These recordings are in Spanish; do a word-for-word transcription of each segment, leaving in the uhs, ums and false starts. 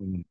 Mm,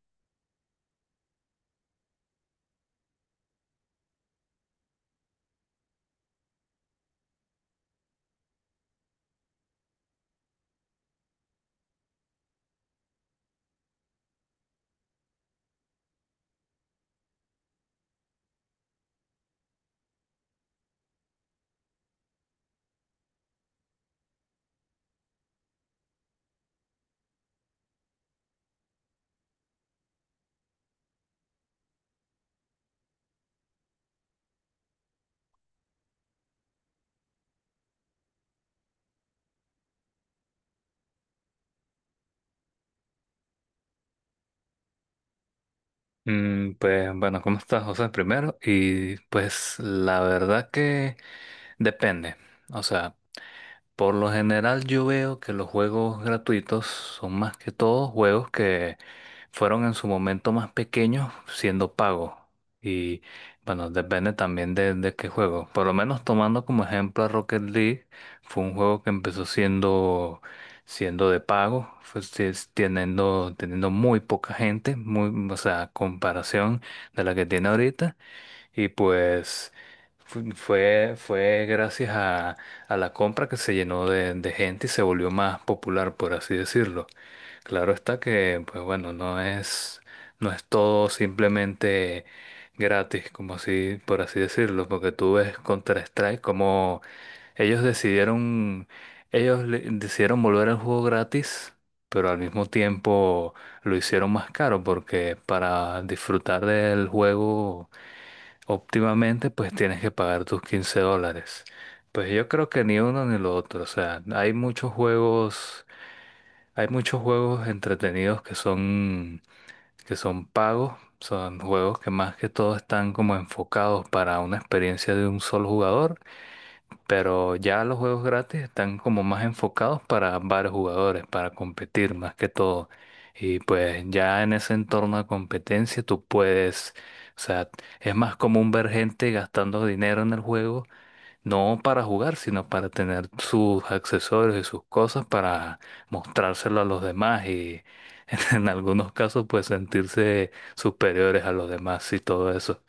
mm, Pues bueno, ¿cómo estás, José? Primero. Y pues la verdad que depende. O sea, por lo general yo veo que los juegos gratuitos son más que todo juegos que fueron en su momento más pequeños siendo pagos. Y bueno, depende también de, de qué juego. Por lo menos tomando como ejemplo a Rocket League, fue un juego que empezó siendo, siendo de pago, fue si- es- teniendo, teniendo muy poca gente, muy, o sea, comparación de la que tiene ahorita. Y pues fu- fue, fue gracias a, a la compra que se llenó de, de gente y se volvió más popular, por así decirlo. Claro está que, pues bueno, no es, no es todo simplemente gratis, como así, por así decirlo, porque tú ves Counter-Strike como ellos decidieron, ellos le- decidieron volver al juego gratis, pero al mismo tiempo lo hicieron más caro, porque para disfrutar del juego óptimamente pues tienes que pagar tus quince dólares. Pues yo creo que ni uno ni lo otro. O sea, hay muchos juegos, hay muchos juegos entretenidos que son, que son pagos. Son juegos que más que todo están como enfocados para una experiencia de un solo jugador. Pero ya los juegos gratis están como más enfocados para varios jugadores, para competir más que todo. Y pues ya en ese entorno de competencia tú puedes, o sea, es más común ver gente gastando dinero en el juego, no para jugar, sino para tener sus accesorios y sus cosas para mostrárselo a los demás y en algunos casos pues sentirse superiores a los demás y todo eso.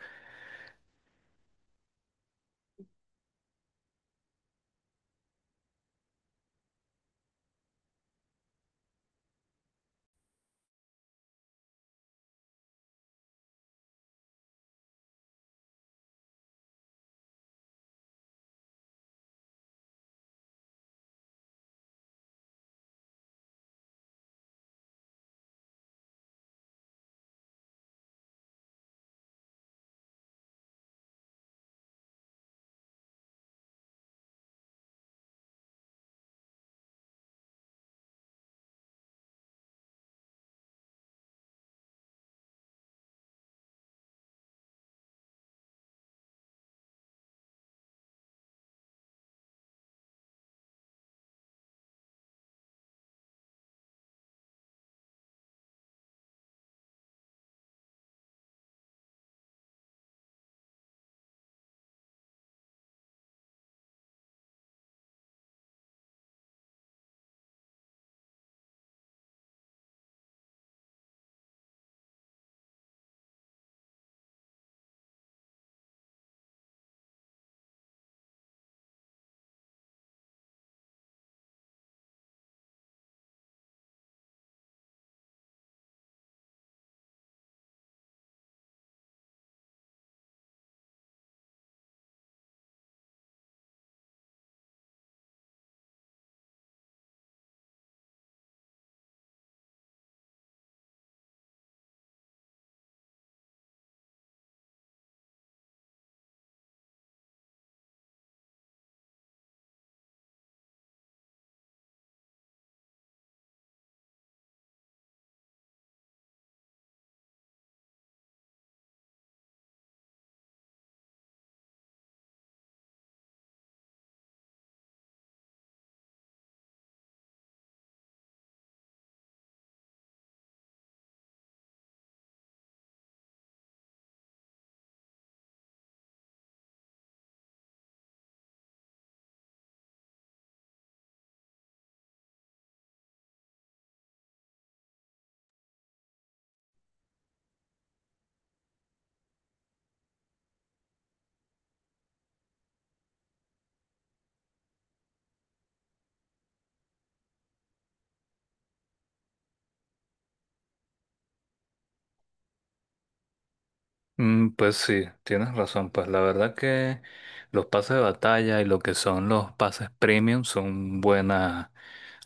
Mm, Pues sí, tienes razón. Pues la verdad que los pases de batalla y lo que son los pases premium son buena,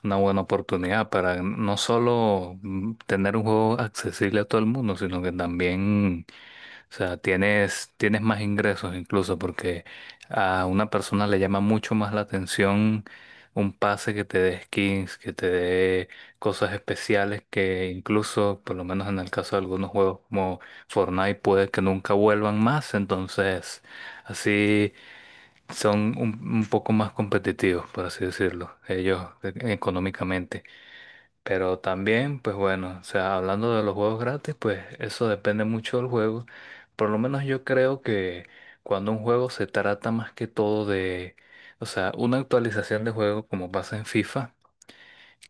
una buena oportunidad para no solo mm, tener un juego accesible a todo el mundo, sino que también, o sea, tienes, tienes más ingresos, incluso porque a una persona le llama mucho más la atención un pase que te dé skins, que te dé cosas especiales que incluso, por lo menos en el caso de algunos juegos como Fortnite, puede que nunca vuelvan más. Entonces, así son un, un poco más competitivos, por así decirlo, ellos eh, económicamente. Pero también, pues bueno, o sea, hablando de los juegos gratis, pues eso depende mucho del juego. Por lo menos yo creo que cuando un juego se trata más que todo de, o sea, una actualización de juego como pasa en FIFA,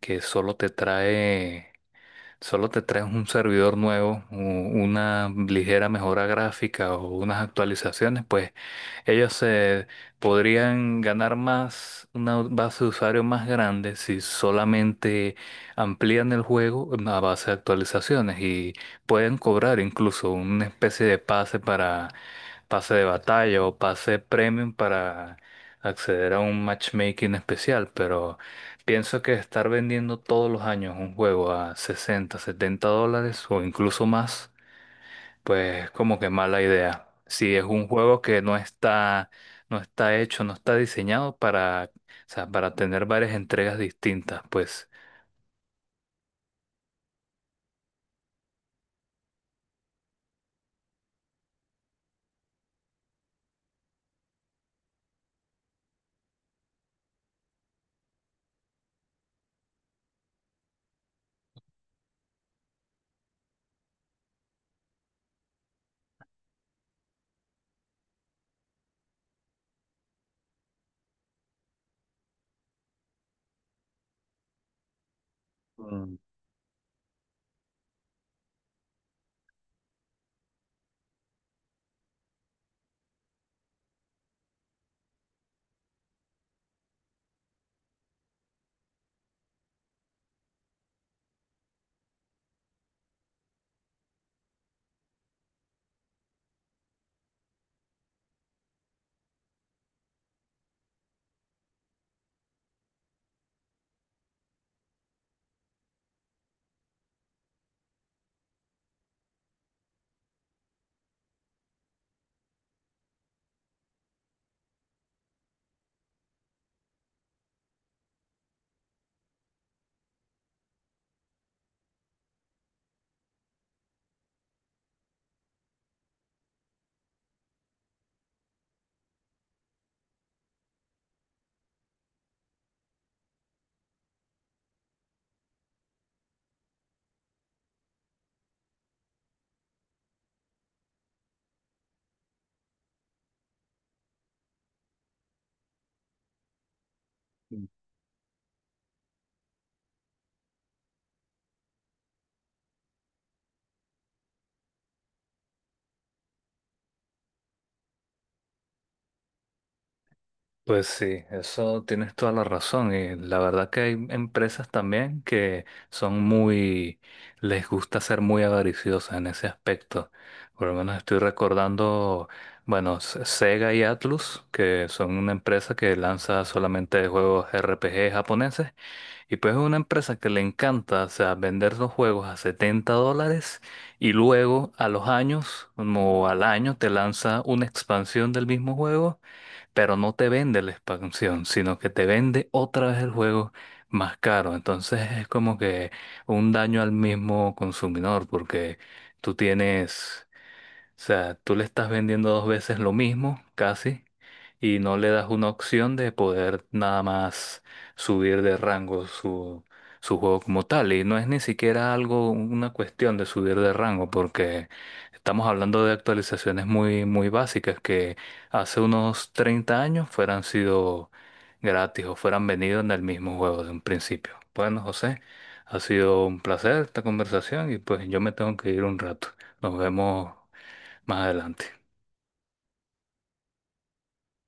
que solo te trae, solo te trae un servidor nuevo, u- una ligera mejora gráfica o unas actualizaciones, pues ellos eh, podrían ganar más, una base de usuarios más grande, si solamente amplían el juego a base de actualizaciones y pueden cobrar incluso una especie de pase para pase de batalla o pase premium, para acceder a un matchmaking especial. Pero pienso que estar vendiendo todos los años un juego a sesenta, setenta dólares o incluso más pues como que mala idea. Si es un juego que no está, no está hecho, no está diseñado para, o sea, para tener varias entregas distintas, pues, Mm, pues sí, eso tienes toda la razón. Y la verdad que hay empresas también que son muy, les gusta ser muy avariciosas en ese aspecto. Por lo menos estoy recordando, bueno, S- Sega y Atlus, que son una empresa que lanza solamente juegos R P G japoneses. Y pues es una empresa que le encanta, o sea, vender los juegos a setenta dólares y luego a los años, como al año, te lanza una expansión del mismo juego, pero no te vende la expansión, sino que te vende otra vez el juego más caro. Entonces es como que un daño al mismo consumidor, porque tú tienes, o sea, tú le estás vendiendo dos veces lo mismo, casi, y no le das una opción de poder nada más subir de rango su, su juego como tal. Y no es ni siquiera algo, una cuestión de subir de rango, porque estamos hablando de actualizaciones muy, muy básicas que hace unos treinta años fueran sido gratis o fueran venido en el mismo juego de un principio. Bueno, José, ha sido un placer esta conversación y pues yo me tengo que ir un rato. Nos vemos más adelante.